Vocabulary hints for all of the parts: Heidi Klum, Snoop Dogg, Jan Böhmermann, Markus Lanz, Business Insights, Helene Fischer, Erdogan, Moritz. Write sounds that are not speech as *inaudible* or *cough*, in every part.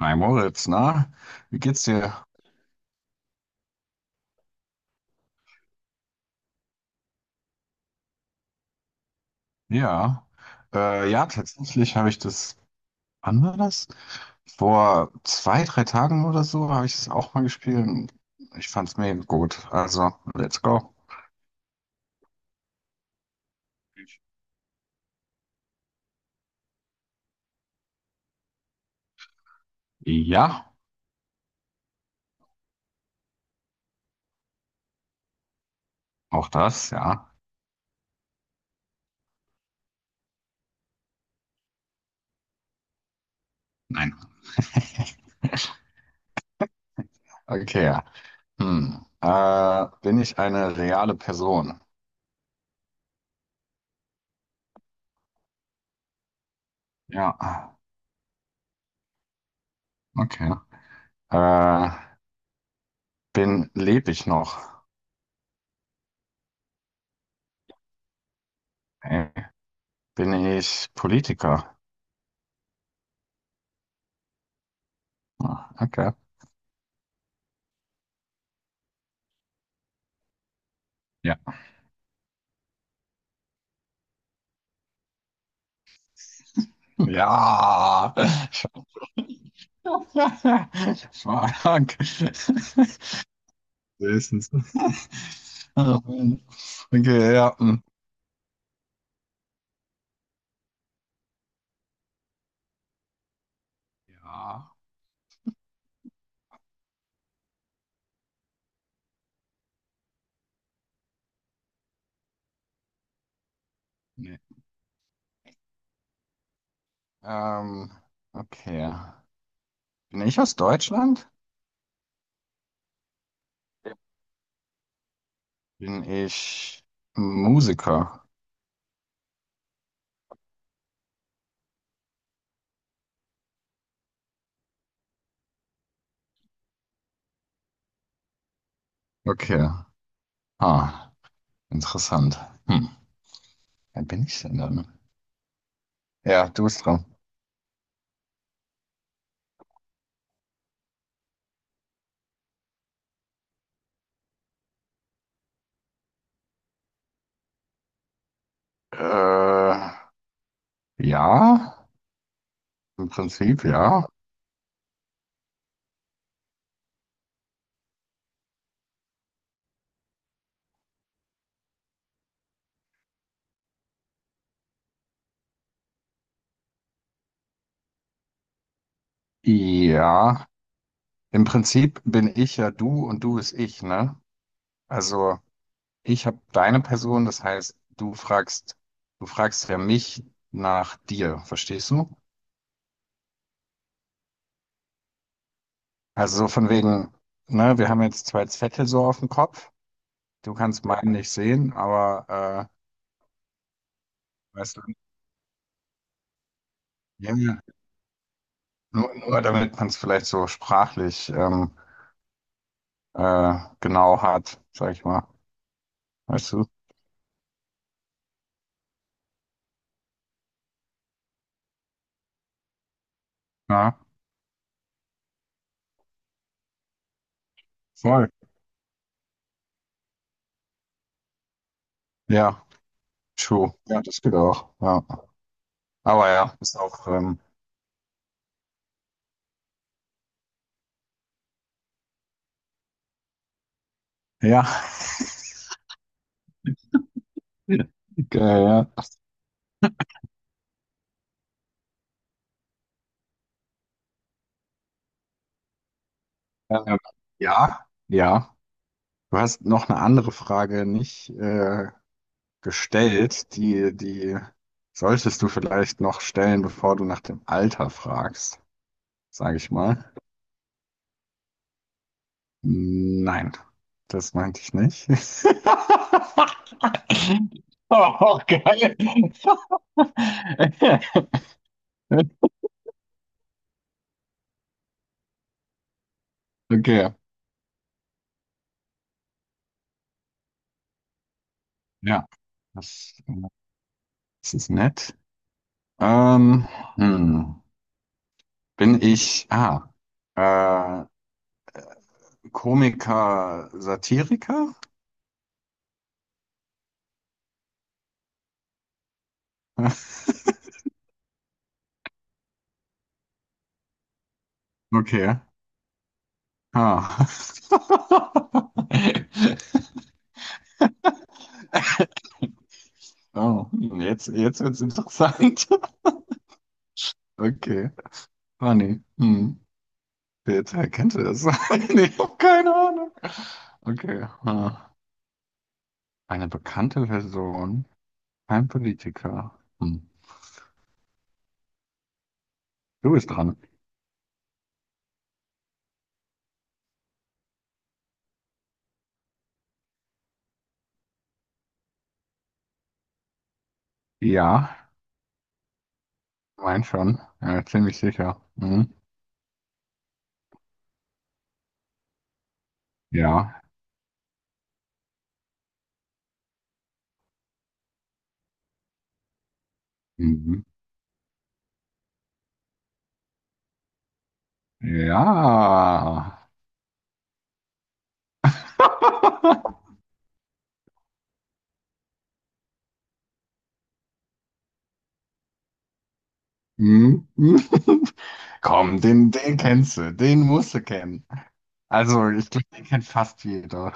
Hi Moritz, na, wie geht's dir? Ja, ja, tatsächlich habe ich das, wann war das? Vor zwei, drei Tagen oder so habe ich es auch mal gespielt. Und ich fand's mega gut. Also, let's go. Ja, auch das, ja. Nein. *laughs* Okay, ja. Hm. Bin ich eine reale Person? Ja, okay. Äh, Lebe ich noch? Äh, Bin ich Politiker? Ah, okay. Ja. *laughs* Fuck. Höchstens. Okay, ja. Hm. Ja. Nee. Ähm, okay. Bin ich aus Deutschland? Ja. Bin ich Musiker? Okay. Ah, interessant. Hm. Wer bin ich denn dann? Ja, du bist dran. Äh, ja, im Prinzip ja. Ja, im Prinzip bin ich ja du und du ist ich, ne? Also ich habe deine Person, das heißt, du fragst ja mich nach dir, verstehst du? Also so von wegen, ne, wir haben jetzt zwei Zettel so auf dem Kopf. Du kannst meinen nicht sehen, aber weißt du, ja, ja. Nur damit man es vielleicht so sprachlich genau hat, sag ich mal. Weißt du? Ja, voll. Ja, true. Ja, das geht auch. Ja. Aber ja, ist auch. Ja, *laughs* geil, ja. Ähm, Ja, ja. Du hast noch eine andere Frage nicht gestellt, die solltest du vielleicht noch stellen, bevor du nach dem Alter fragst, sage ich mal. Nein, das meinte ich nicht. *laughs* Oh, geil. *laughs* Okay, ja, das, das ist nett. Ähm, hm. Bin ich, ah, äh, Komiker, Satiriker? *laughs* Okay. Ah. *laughs* Oh, hm, jetzt wird's interessant. *laughs* Okay. Funny. Hm. Wer kennt das? *laughs* Nee, ich hab keine Ahnung. Okay. Ah. Eine bekannte Person. Kein Politiker. Hm. Du bist dran. Ja, mein schon. Ja, ziemlich sicher. Hm. Ja. Mhm. Ja. *laughs* Hm, *laughs* komm, den kennst du, den musst du kennen. Also, ich glaube, den kennt fast jeder.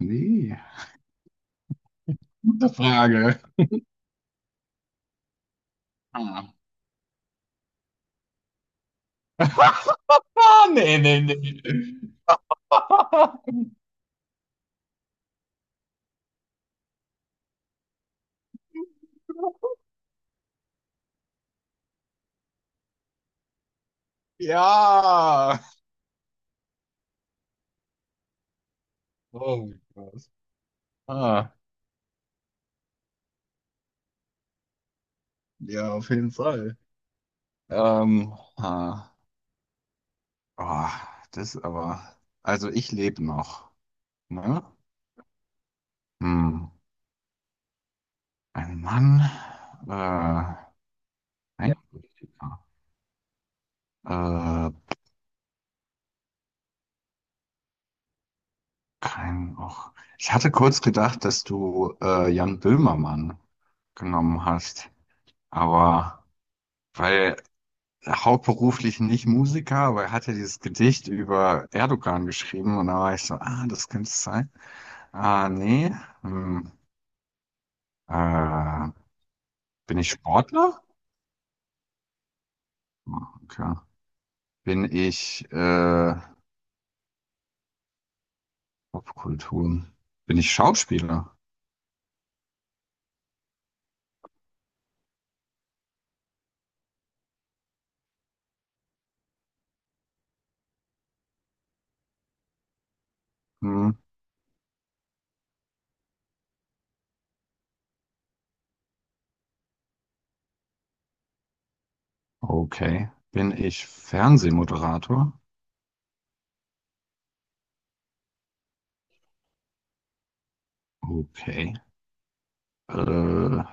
Nee, gute Frage. Ah, *laughs* ah nee, nee, nee. *laughs* Ja. Oh mein Gott. Ah, ja, auf jeden Fall. Ähm, ah, oh, das aber. Also ich lebe noch. Ne? Hm. Ein Mann. Äh, ein Politiker. Äh, Kein auch ich hatte kurz gedacht, dass du Jan Böhmermann genommen hast, aber weil hauptberuflich nicht Musiker, aber er hatte dieses Gedicht über Erdogan geschrieben und da war ich so, ah, das könnte es sein. Ah, nee. Hm, äh, Bin ich Sportler? Ah, okay. Bin ich Popkultur? Bin ich Schauspieler? Hm, okay. Bin ich Fernsehmoderator? Okay. Äh,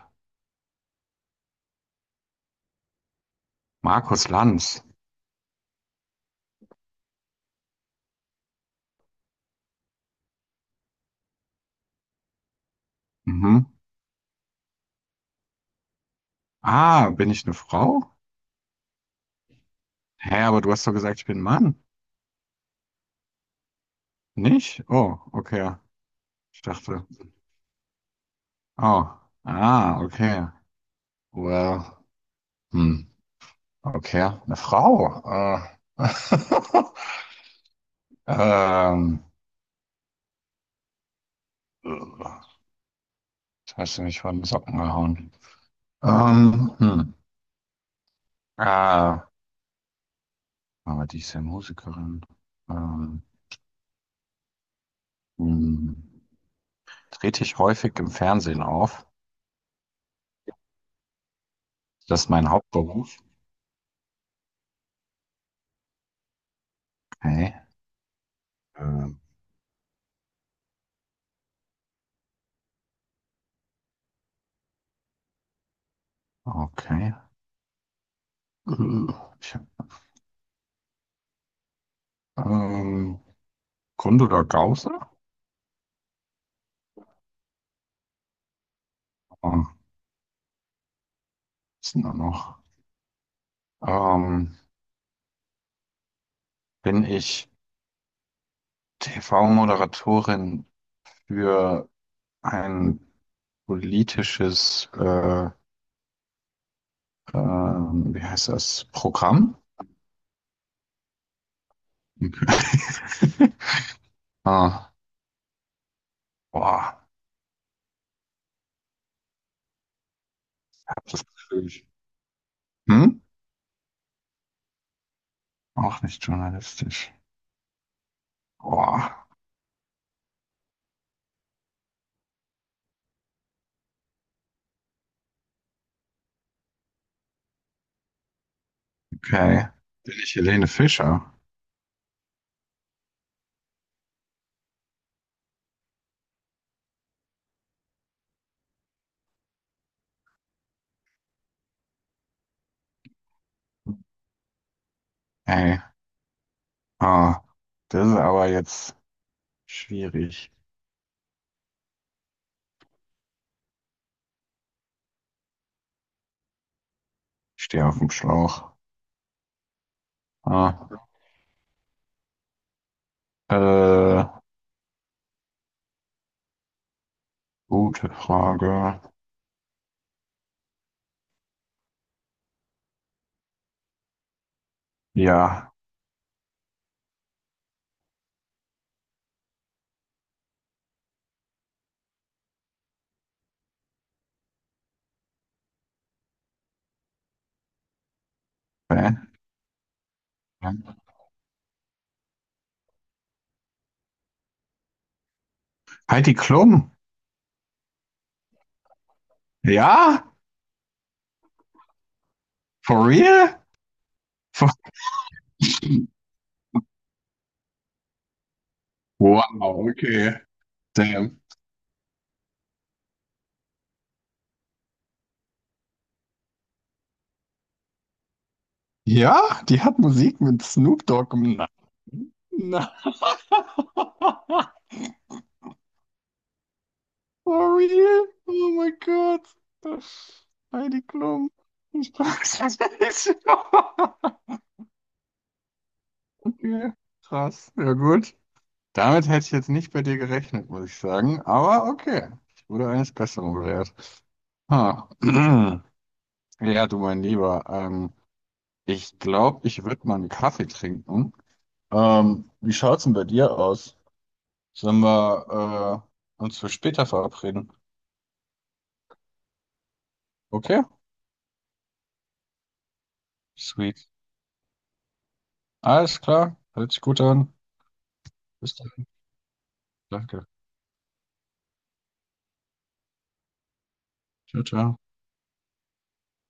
Markus Lanz. Mhm. Ah, bin ich eine Frau? Hä, aber du hast doch gesagt, ich bin ein Mann. Nicht? Oh, okay. Ich dachte. Oh. Ah, okay. Well. Hm. Okay. Eine Frau. Äh. *laughs* ähm. Jetzt hast du mich von den Socken gehauen. Ähm. Hm. Ah. Aber die ist ja Musikerin. Ähm. Hm. Trete ich häufig im Fernsehen auf? Das ist mein Hauptberuf. Okay. Ähm. Okay. Äh, Ich, ähm, Grund oder Gause? Ah, was ist denn da noch? Ähm, Bin ich TV-Moderatorin für ein politisches, wie heißt das, Programm? Okay. *laughs* Ah, boah, das ist natürlich. Hm? Auch nicht journalistisch. Boah, okay. Bin ich Helene Fischer? Ey, ah, das ist aber jetzt schwierig. Stehe auf dem Schlauch. Ah, äh, gute Frage. Ja. Hä? Heidi Klum. Ja? For real? For wow, okay. Damn. Ja, die hat Musik mit Snoop Dogg gemacht. Na. *laughs* For real? Oh mein Gott. Heidi Klum. *laughs* Ich weiß es nicht. *laughs* Okay, krass. Ja gut. Damit hätte ich jetzt nicht bei dir gerechnet, muss ich sagen. Aber okay, ich wurde eines Besseren belehrt. Ha. *clears throat* Ja, du mein Lieber, ich glaube, ich würde mal einen Kaffee trinken. Wie schaut's denn bei dir aus? Sollen wir uns für später verabreden? Okay, sweet. Alles klar, hört sich gut an. Bis dann. Danke. Ciao, ciao.